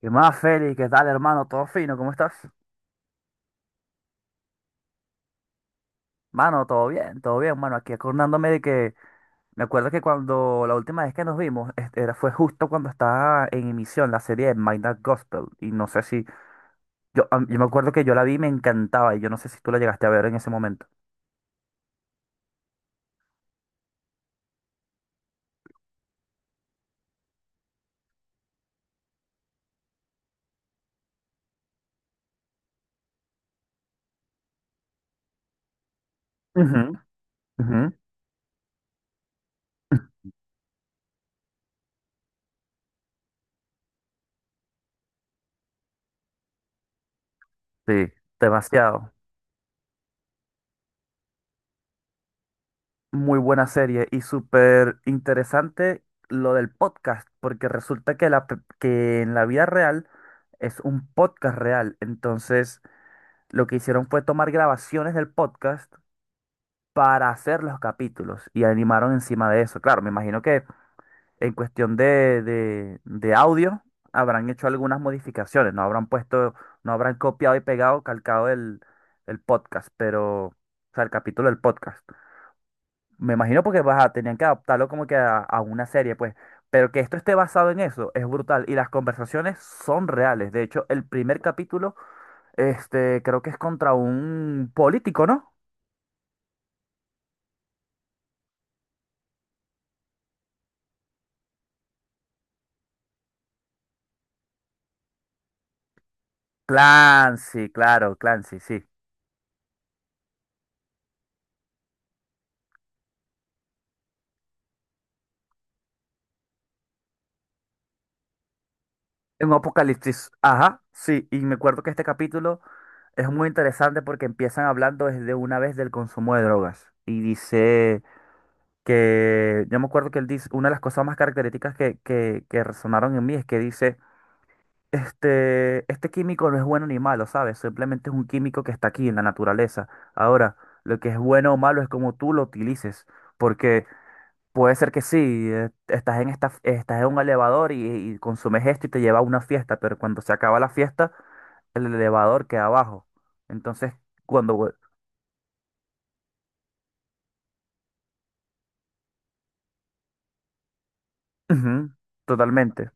¿Qué más, Félix? ¿Qué tal, hermano? ¿Todo fino? ¿Cómo estás? Mano, todo bien, mano. Aquí acordándome de que me acuerdo que cuando la última vez que nos vimos fue justo cuando estaba en emisión la serie de My Dark Gospel. Y no sé si. Yo me acuerdo que yo la vi y me encantaba. Y yo no sé si tú la llegaste a ver en ese momento. Ujú, ujú. Sí, demasiado. Muy buena serie y súper interesante lo del podcast, porque resulta que, que en la vida real es un podcast real. Entonces. Lo que hicieron fue tomar grabaciones del podcast para hacer los capítulos y animaron encima de eso. Claro, me imagino que en cuestión de audio habrán hecho algunas modificaciones, no habrán puesto, no habrán copiado y pegado, calcado el podcast, pero, o sea, el capítulo del podcast. Me imagino porque baja, tenían que adaptarlo como que a una serie, pues. Pero que esto esté basado en eso es brutal y las conversaciones son reales. De hecho, el primer capítulo, este, creo que es contra un político, ¿no? Clancy, claro, Clancy, sí. Sí. En Apocalipsis, ajá, sí. Y me acuerdo que este capítulo es muy interesante porque empiezan hablando desde una vez del consumo de drogas. Y dice que, yo me acuerdo que él dice, una de las cosas más características que resonaron en mí es que dice, este químico no es bueno ni malo, ¿sabes? Simplemente es un químico que está aquí en la naturaleza. Ahora, lo que es bueno o malo es como tú lo utilices. Puede ser que sí, estás en un elevador y consumes esto y te lleva a una fiesta, pero cuando se acaba la fiesta, el elevador queda abajo. Entonces, cuando... Ujú, totalmente,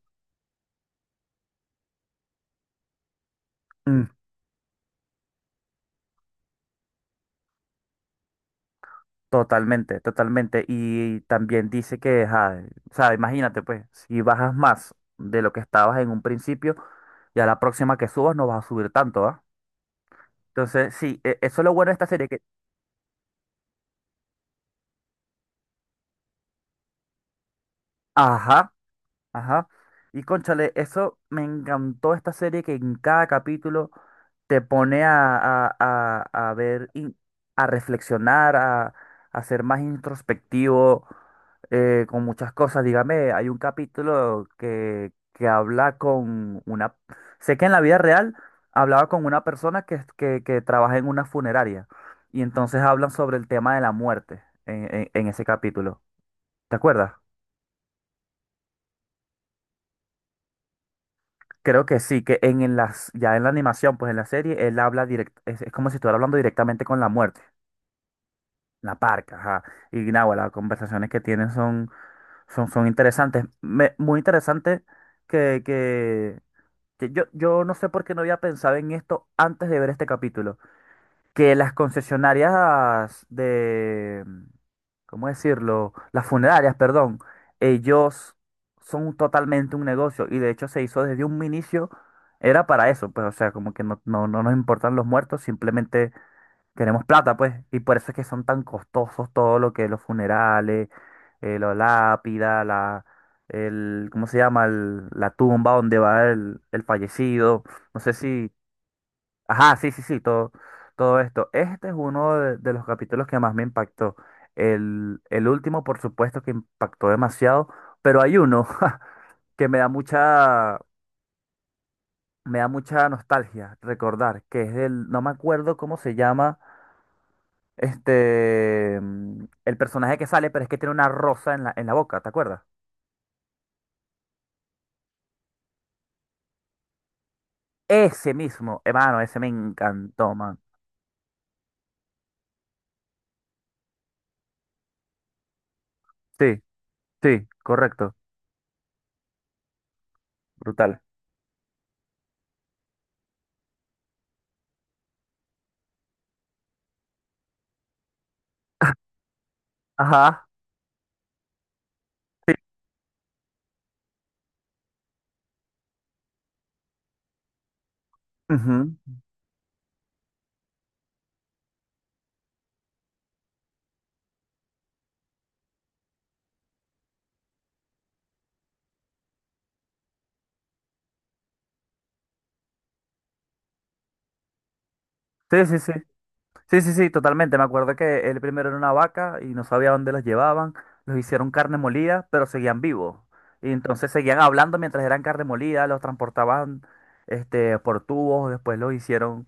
mm, totalmente, totalmente. Y también dice que, ajá, o sea, imagínate pues, si bajas más de lo que estabas en un principio, ya la próxima que subas no vas a subir tanto, ¿ah? Entonces, sí, eso es lo bueno de esta serie, que, ajá. Ajá. Y cónchale, eso me encantó esta serie que en cada capítulo te pone a ver, a reflexionar, a ser más introspectivo con muchas cosas. Dígame, hay un capítulo que habla con una... Sé que en la vida real hablaba con una persona que trabaja en una funeraria y entonces hablan sobre el tema de la muerte en ese capítulo. ¿Te acuerdas? Creo que sí, que ya en la animación, pues en la serie, él habla directo, es como si estuviera hablando directamente con la muerte, la parca, ajá. Y nada, las conversaciones que tienen son, son interesantes. Muy interesante que, que yo no sé por qué no había pensado en esto antes de ver este capítulo, que las concesionarias de, ¿cómo decirlo? Las funerarias, perdón, ellos son totalmente un negocio y de hecho se hizo desde un inicio, era para eso, pues o sea, como que no nos importan los muertos, simplemente queremos plata, pues, y por eso es que son tan costosos todo lo que los funerales, la lápida, ¿cómo se llama? La tumba donde va el fallecido, no sé si... Ajá, sí, sí, sí, todo, todo esto. Este es uno de los capítulos que más me impactó. El último, por supuesto, que impactó demasiado, pero hay uno que me da mucha nostalgia recordar, que es el, no me acuerdo cómo se llama, este, el personaje que sale, pero es que tiene una rosa en la, boca, ¿te acuerdas? Ese mismo, hermano, ese me encantó, man. Sí, sí, correcto, brutal. Ajá. Ujú. Sí, sí, sí. Sí, sí, sí, totalmente. Me acuerdo que él primero era una vaca y no sabía dónde los llevaban. Los hicieron carne molida, pero seguían vivos. Y entonces seguían hablando mientras eran carne molida, los transportaban este, por tubos, después los hicieron...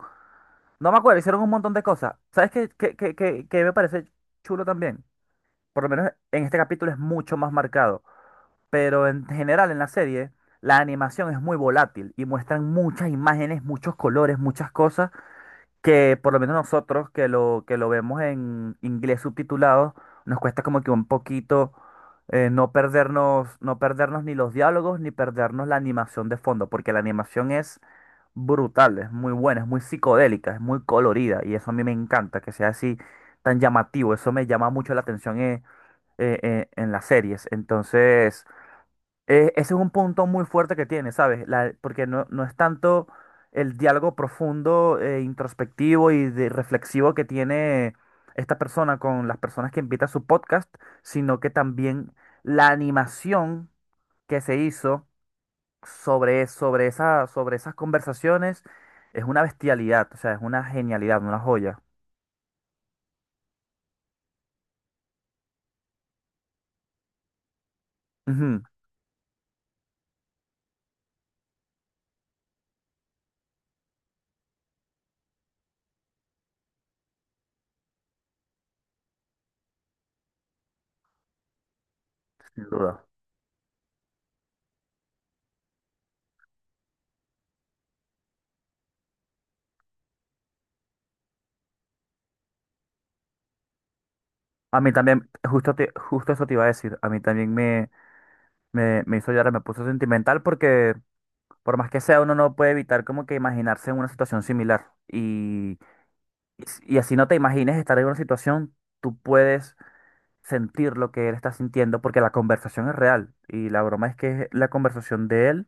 No me acuerdo, hicieron un montón de cosas. ¿Sabes qué me parece chulo también? Por lo menos en este capítulo es mucho más marcado. Pero en general en la serie, la animación es muy volátil y muestran muchas imágenes, muchos colores, muchas cosas que por lo menos nosotros que lo vemos en inglés subtitulado, nos cuesta como que un poquito no perdernos, no perdernos ni los diálogos ni perdernos la animación de fondo, porque la animación es brutal, es muy buena, es muy psicodélica, es muy colorida y eso a mí me encanta, que sea así tan llamativo, eso me llama mucho la atención en las series. Entonces... Ese es un punto muy fuerte que tiene, ¿sabes? Porque no es tanto el diálogo profundo, introspectivo y de reflexivo que tiene esta persona con las personas que invita a su podcast, sino que también la animación que se hizo sobre esas conversaciones es una bestialidad, o sea, es una genialidad, una joya. Ujú, sin duda. A mí también, justo, justo eso te iba a decir, a mí también me hizo llorar, me puso sentimental porque... Por más que sea, uno no puede evitar como que imaginarse en una situación similar. Y así no te imagines estar en una situación, tú puedes sentir lo que él está sintiendo porque la conversación es real. Y la broma es que es la conversación de él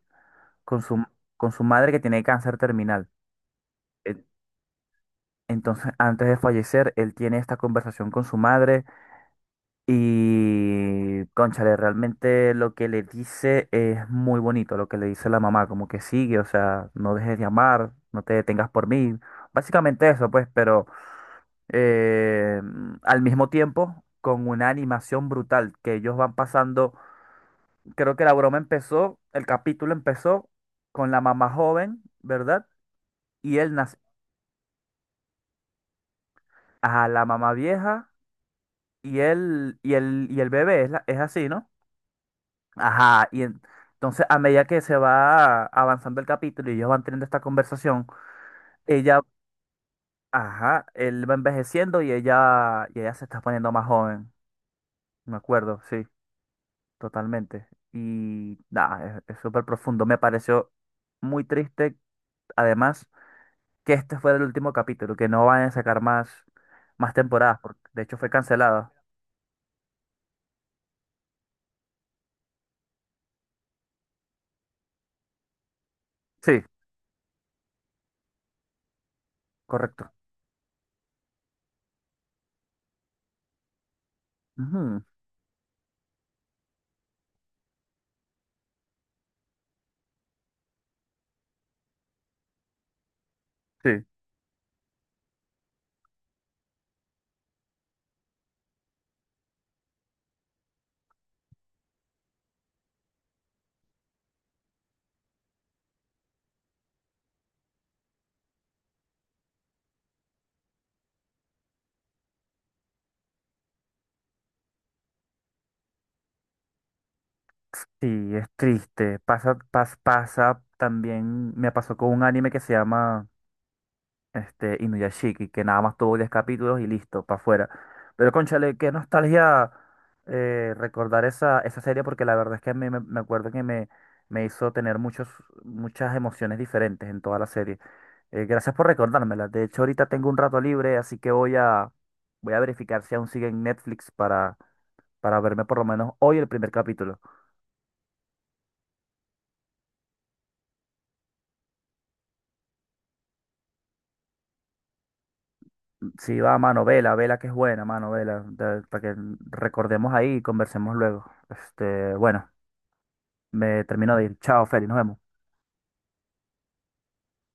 con su, con su madre que tiene cáncer terminal. En- Entonces, antes de fallecer, él tiene esta conversación con su madre. Y, cónchale, realmente lo que le dice es muy bonito, lo que le dice la mamá, como que sigue, o sea, no dejes de amar, no te detengas por mí, básicamente eso, pues, pero eh, al mismo tiempo con una animación brutal que ellos van pasando, creo que la broma empezó, el capítulo empezó con la mamá joven, ¿verdad? Y él nace a la mamá vieja y él, y el bebé, es, es así, ¿no? Ajá, y entonces a medida que se va avanzando el capítulo y ellos van teniendo esta conversación, ella, ajá, él va envejeciendo y ella se está poniendo más joven, me acuerdo, sí, totalmente. Y nada, es súper profundo, me pareció muy triste, además, que este fue el último capítulo, que no van a sacar más, más temporadas, porque de hecho fue cancelada. Sí, correcto. Ujú, sí. Sí, es triste. Pasa también, me pasó con un anime que se llama este, Inuyashiki, que nada más tuvo 10 capítulos y listo, para afuera. Pero cónchale, qué nostalgia recordar esa serie, porque la verdad es que a mí me acuerdo que me hizo tener muchos, muchas emociones diferentes en toda la serie. Gracias por recordármela. De hecho, ahorita tengo un rato libre, así que voy a verificar si aún sigue en Netflix para verme por lo menos hoy el primer capítulo. Sí, va, mano, vela, vela que es buena, mano, vela, para que recordemos ahí y conversemos luego. Bueno, me termino de ir. Chao, Feli, nos vemos.